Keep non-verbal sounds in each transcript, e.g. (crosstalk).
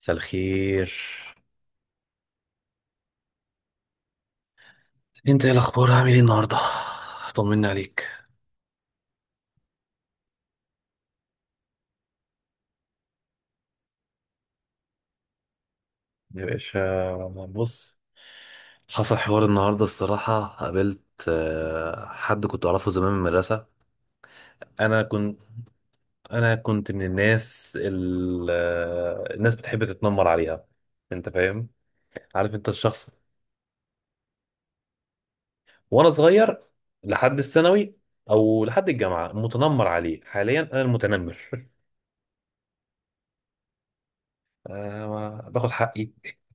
مساء الخير. انت ايه الاخبار؟ عامل ايه النهارده؟ طمني عليك. يا باشا، بص، حصل حوار النهارده الصراحة. قابلت حد كنت أعرفه زمان من المدرسة. أنا كنت أنا كنت من الناس الناس بتحب تتنمر عليها. أنت فاهم؟ عارف أنت الشخص، وأنا صغير لحد الثانوي أو لحد الجامعة متنمر عليه، حاليا أنا المتنمر. (laughs) آه، باخد حقي.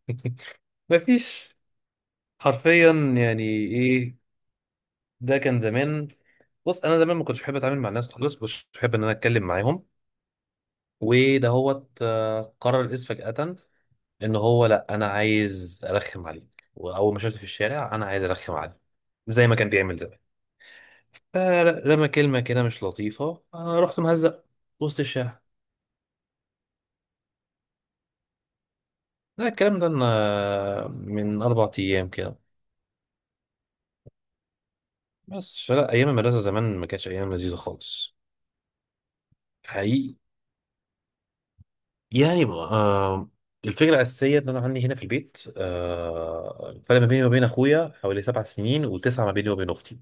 (laughs) مفيش، حرفيا، يعني ايه. ده كان زمان. بص، انا زمان ما كنتش بحب اتعامل مع الناس خالص، مش بحب ان انا اتكلم معاهم. وده هو قرر الاسم فجأة، ان هو لا انا عايز ارخم عليه. واول ما شفته في الشارع انا عايز ارخم عليه زي ما كان بيعمل زمان. فرمى كلمة كده مش لطيفة، انا رحت مهزق وسط الشارع. لا، الكلام ده أنا من 4 ايام كده. بس، فلا، ايام المدرسة زمان ما كانتش ايام لذيذة خالص. حقيقي. يعني الفكرة الأساسية إن أنا عندي هنا في البيت، الفرق ما بيني وما بين أخويا حوالي 7 سنين، وتسعة ما بيني وبين أختي.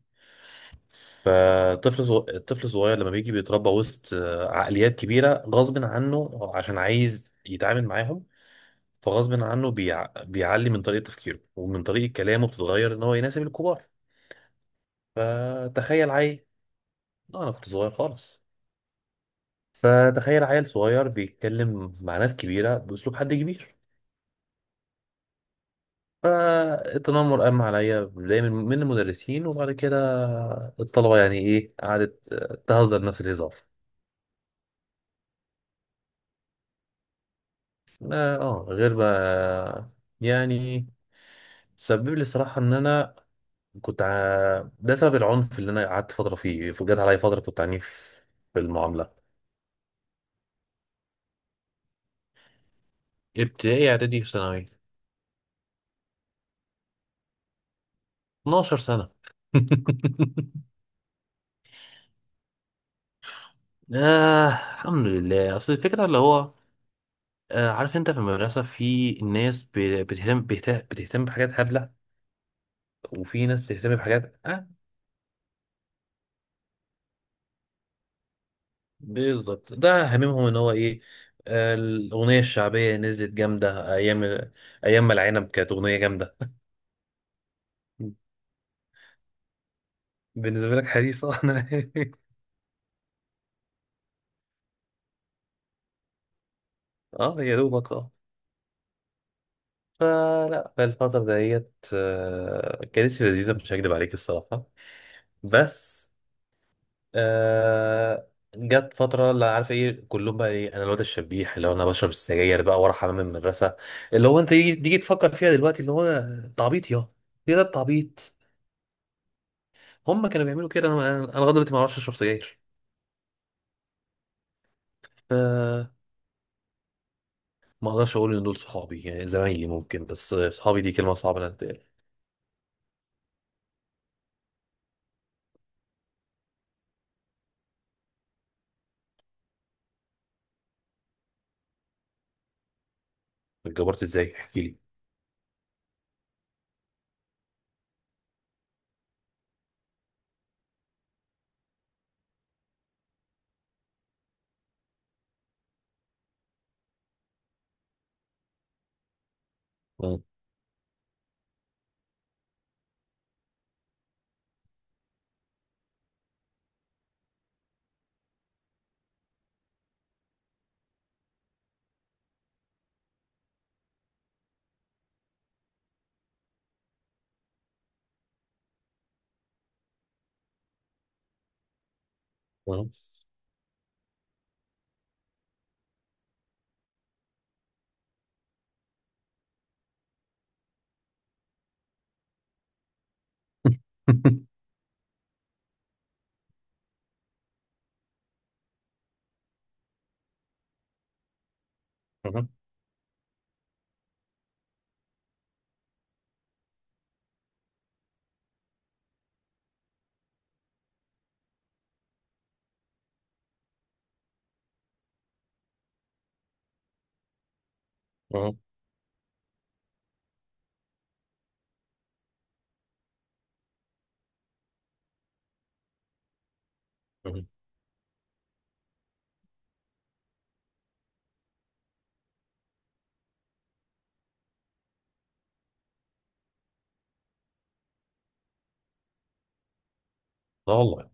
فالطفل الطفل الصغير لما بيجي بيتربى وسط عقليات كبيرة غصب عنه عشان عايز يتعامل معاهم. فغصب عنه بيعلي من طريقة تفكيره، ومن طريقة كلامه بتتغير إن هو يناسب الكبار. فتخيل عيل. لا أنا كنت صغير خالص. فتخيل عيل صغير بيتكلم مع ناس كبيرة بأسلوب حد كبير. فالتنمر قام عليا بداية من المدرسين وبعد كده الطلبة، يعني إيه قعدت تهزر نفس الهزار. آه، آه، غير بقى. يعني سبب لي الصراحة إن أنا ده سبب العنف اللي أنا قعدت فترة فيه. جت عليا فترة كنت عنيف في المعاملة. ابتدائي، إعدادي، في ثانوي، 12 سنة. (laughs) الحمد لله. أصل الفكرة اللي هو عارف أنت في المدرسة في ناس بتهتم بحاجات هبلة، وفي ناس بتهتم بحاجات بالظبط. ده هاممهم ان هو ايه. الاغنيه الشعبيه نزلت جامده ايام، ايام ما العنب كانت اغنيه جامده. بالنسبه لك حديثه. (laughs) انا، اه يا دوبك، فالفتره ديت كانتش لذيذه، مش هكدب عليك الصراحه. بس، آه جت فترة لا عارف ايه كلهم بقى ايه، انا الواد الشبيح اللي هو انا بشرب السجاير بقى ورا حمام المدرسة. اللي هو انت تيجي تفكر فيها دلوقتي، اللي هو التعبيط. يا ايه ده التعبيط. هم كانوا بيعملوا كده. انا لغاية دلوقتي ما اعرفش اشرب سجاير. ف ما اقدرش اقول ان دول صحابي، يعني زمايلي ممكن، بس صحابي دي كلمة صعبة انها تتقال. اتجبرت ازاي احكي لي. مم. مم. (laughs) مم. مم. مم. لا والله.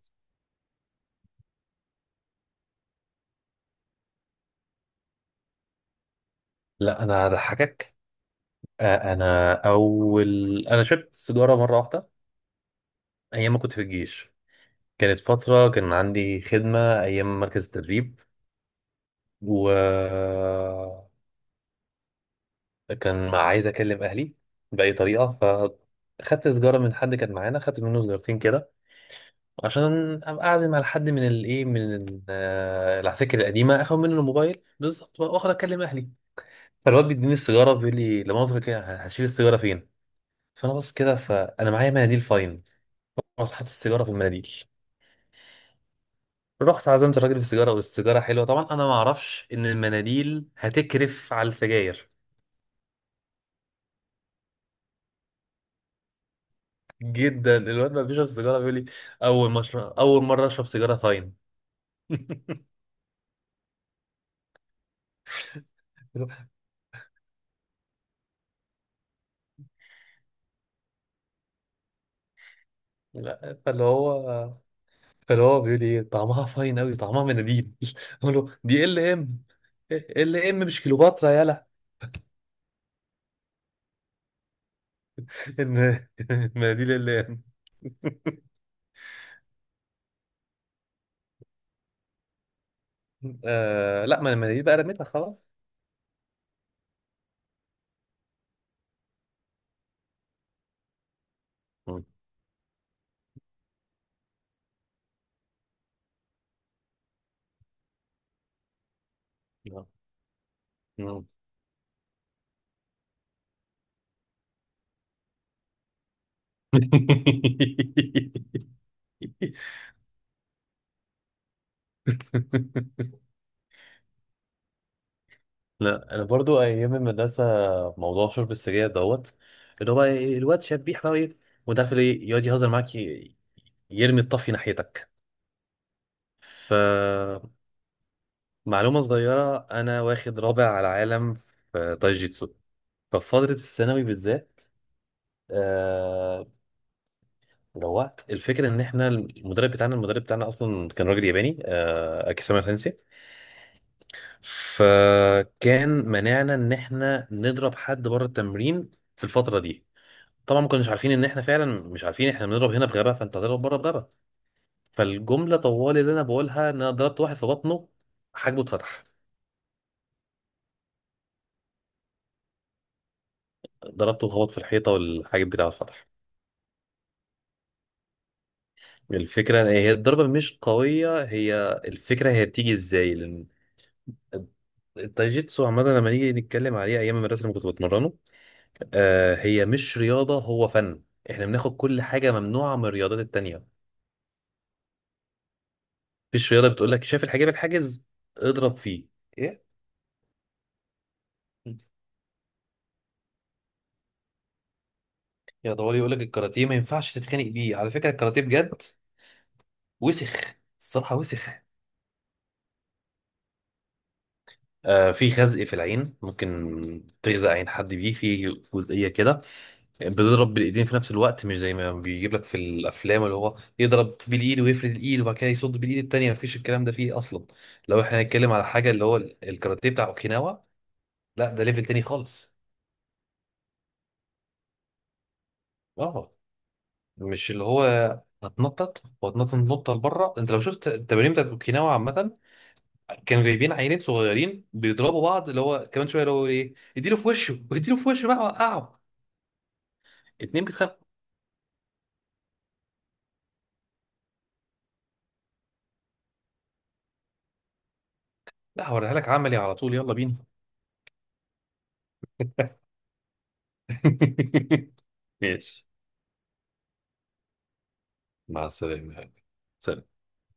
لا، انا هضحكك. انا اول انا شربت سيجاره مره واحده ايام ما كنت في الجيش. كانت فتره كان عندي خدمه ايام مركز التدريب، و كان عايز اكلم اهلي باي طريقه. فخدت سيجاره من حد كان معانا، خدت منه سيجارتين كده عشان ابقى قاعد مع حد من الايه من ال- آه، العساكر القديمه، اخد منه الموبايل بالظبط واخد اكلم اهلي. فالواد بيديني السيجاره بيقول لي لمؤاخذه كده هشيل السيجاره فين. فانا بص كده، فانا معايا مناديل فاين. رحت حاطط السيجاره في المناديل. رحت عزمت الراجل في السيجاره، والسيجاره حلوه طبعا. انا ما اعرفش ان المناديل هتكرف على السجاير جدا. الواد ما بيشرب سيجاره بيقول لي اول ما أشرب- اول مره اشرب سيجاره فاين. لا، فاللي هو بيقول لي ايه طعمها فاين قوي، طعمها مناديل. (laughs) اقول له دي ال ام، ال ام مش كليوباترا يالا. (laughs) المناديل ال ام. آه لا، ما المناديل بقى رميتها خلاص. مم. مم. (laughs) لا انا برضو ايام المدرسه موضوع شرب السجاير دوت، اللي هو بقى الواد شاب بيحرق ايه، وده في ايه يقعد يهزر معاك، يرمي الطفي ناحيتك. فمعلومه صغيره، انا واخد رابع على العالم في تايجيتسو ففي فتره الثانوي بالذات. آه روقت الفكره ان احنا المدرب بتاعنا اصلا كان راجل ياباني، اكيساما سensei. فكان منعنا ان احنا نضرب حد بره التمرين في الفتره دي. طبعا ما كناش عارفين ان احنا فعلا مش عارفين. احنا بنضرب هنا بغبا، فانت هتضرب بره بغبا. فالجمله طوال اللي انا بقولها ان انا ضربت واحد في بطنه، حاجبه اتفتح. ضربته خبط في الحيطه، والحاجب بتاعه اتفتح. الفكره هي الضربه مش قويه، هي الفكره هي بتيجي ازاي، لان التايجيتسو عامه لما نيجي نتكلم عليه ايام المدرسه اللي كنت بتمرنه هي مش رياضه، هو فن. احنا بناخد كل حاجه ممنوعه من الرياضات التانيه. مفيش رياضه بتقول لك شايف الحاجب الحاجز اضرب فيه. إيه؟ يا طوالي يقول لك الكاراتيه ما ينفعش تتخانق بيه. على فكره الكاراتيه بجد وسخ، الصراحه وسخ. في خزق في العين، ممكن تغزق عين حد بيه في جزئيه كده. بيضرب بالايدين في نفس الوقت، مش زي ما بيجيب لك في الافلام اللي هو يضرب بالايد ويفرد الايد وبعد كده يصد بالايد التانيه. مفيش الكلام ده فيه اصلا. لو احنا هنتكلم على حاجه اللي هو الكاراتيه بتاع اوكيناوا، لا ده ليفل تاني خالص. اه مش اللي هو هتنطط وهتنطط نطه لبره. انت لو شفت التمارين بتاعت اوكيناوا عامه كانوا جايبين عيلين صغيرين بيضربوا بعض، اللي هو كمان شويه اللي هو ايه اديله في وشه واديله في وشه بقى وقعه. اتنين بيتخانقوا. لا هوريها لك عملي على طول، يلا بينا. (laughs) ماشي. مع السلامه يا حبيبي. سلام.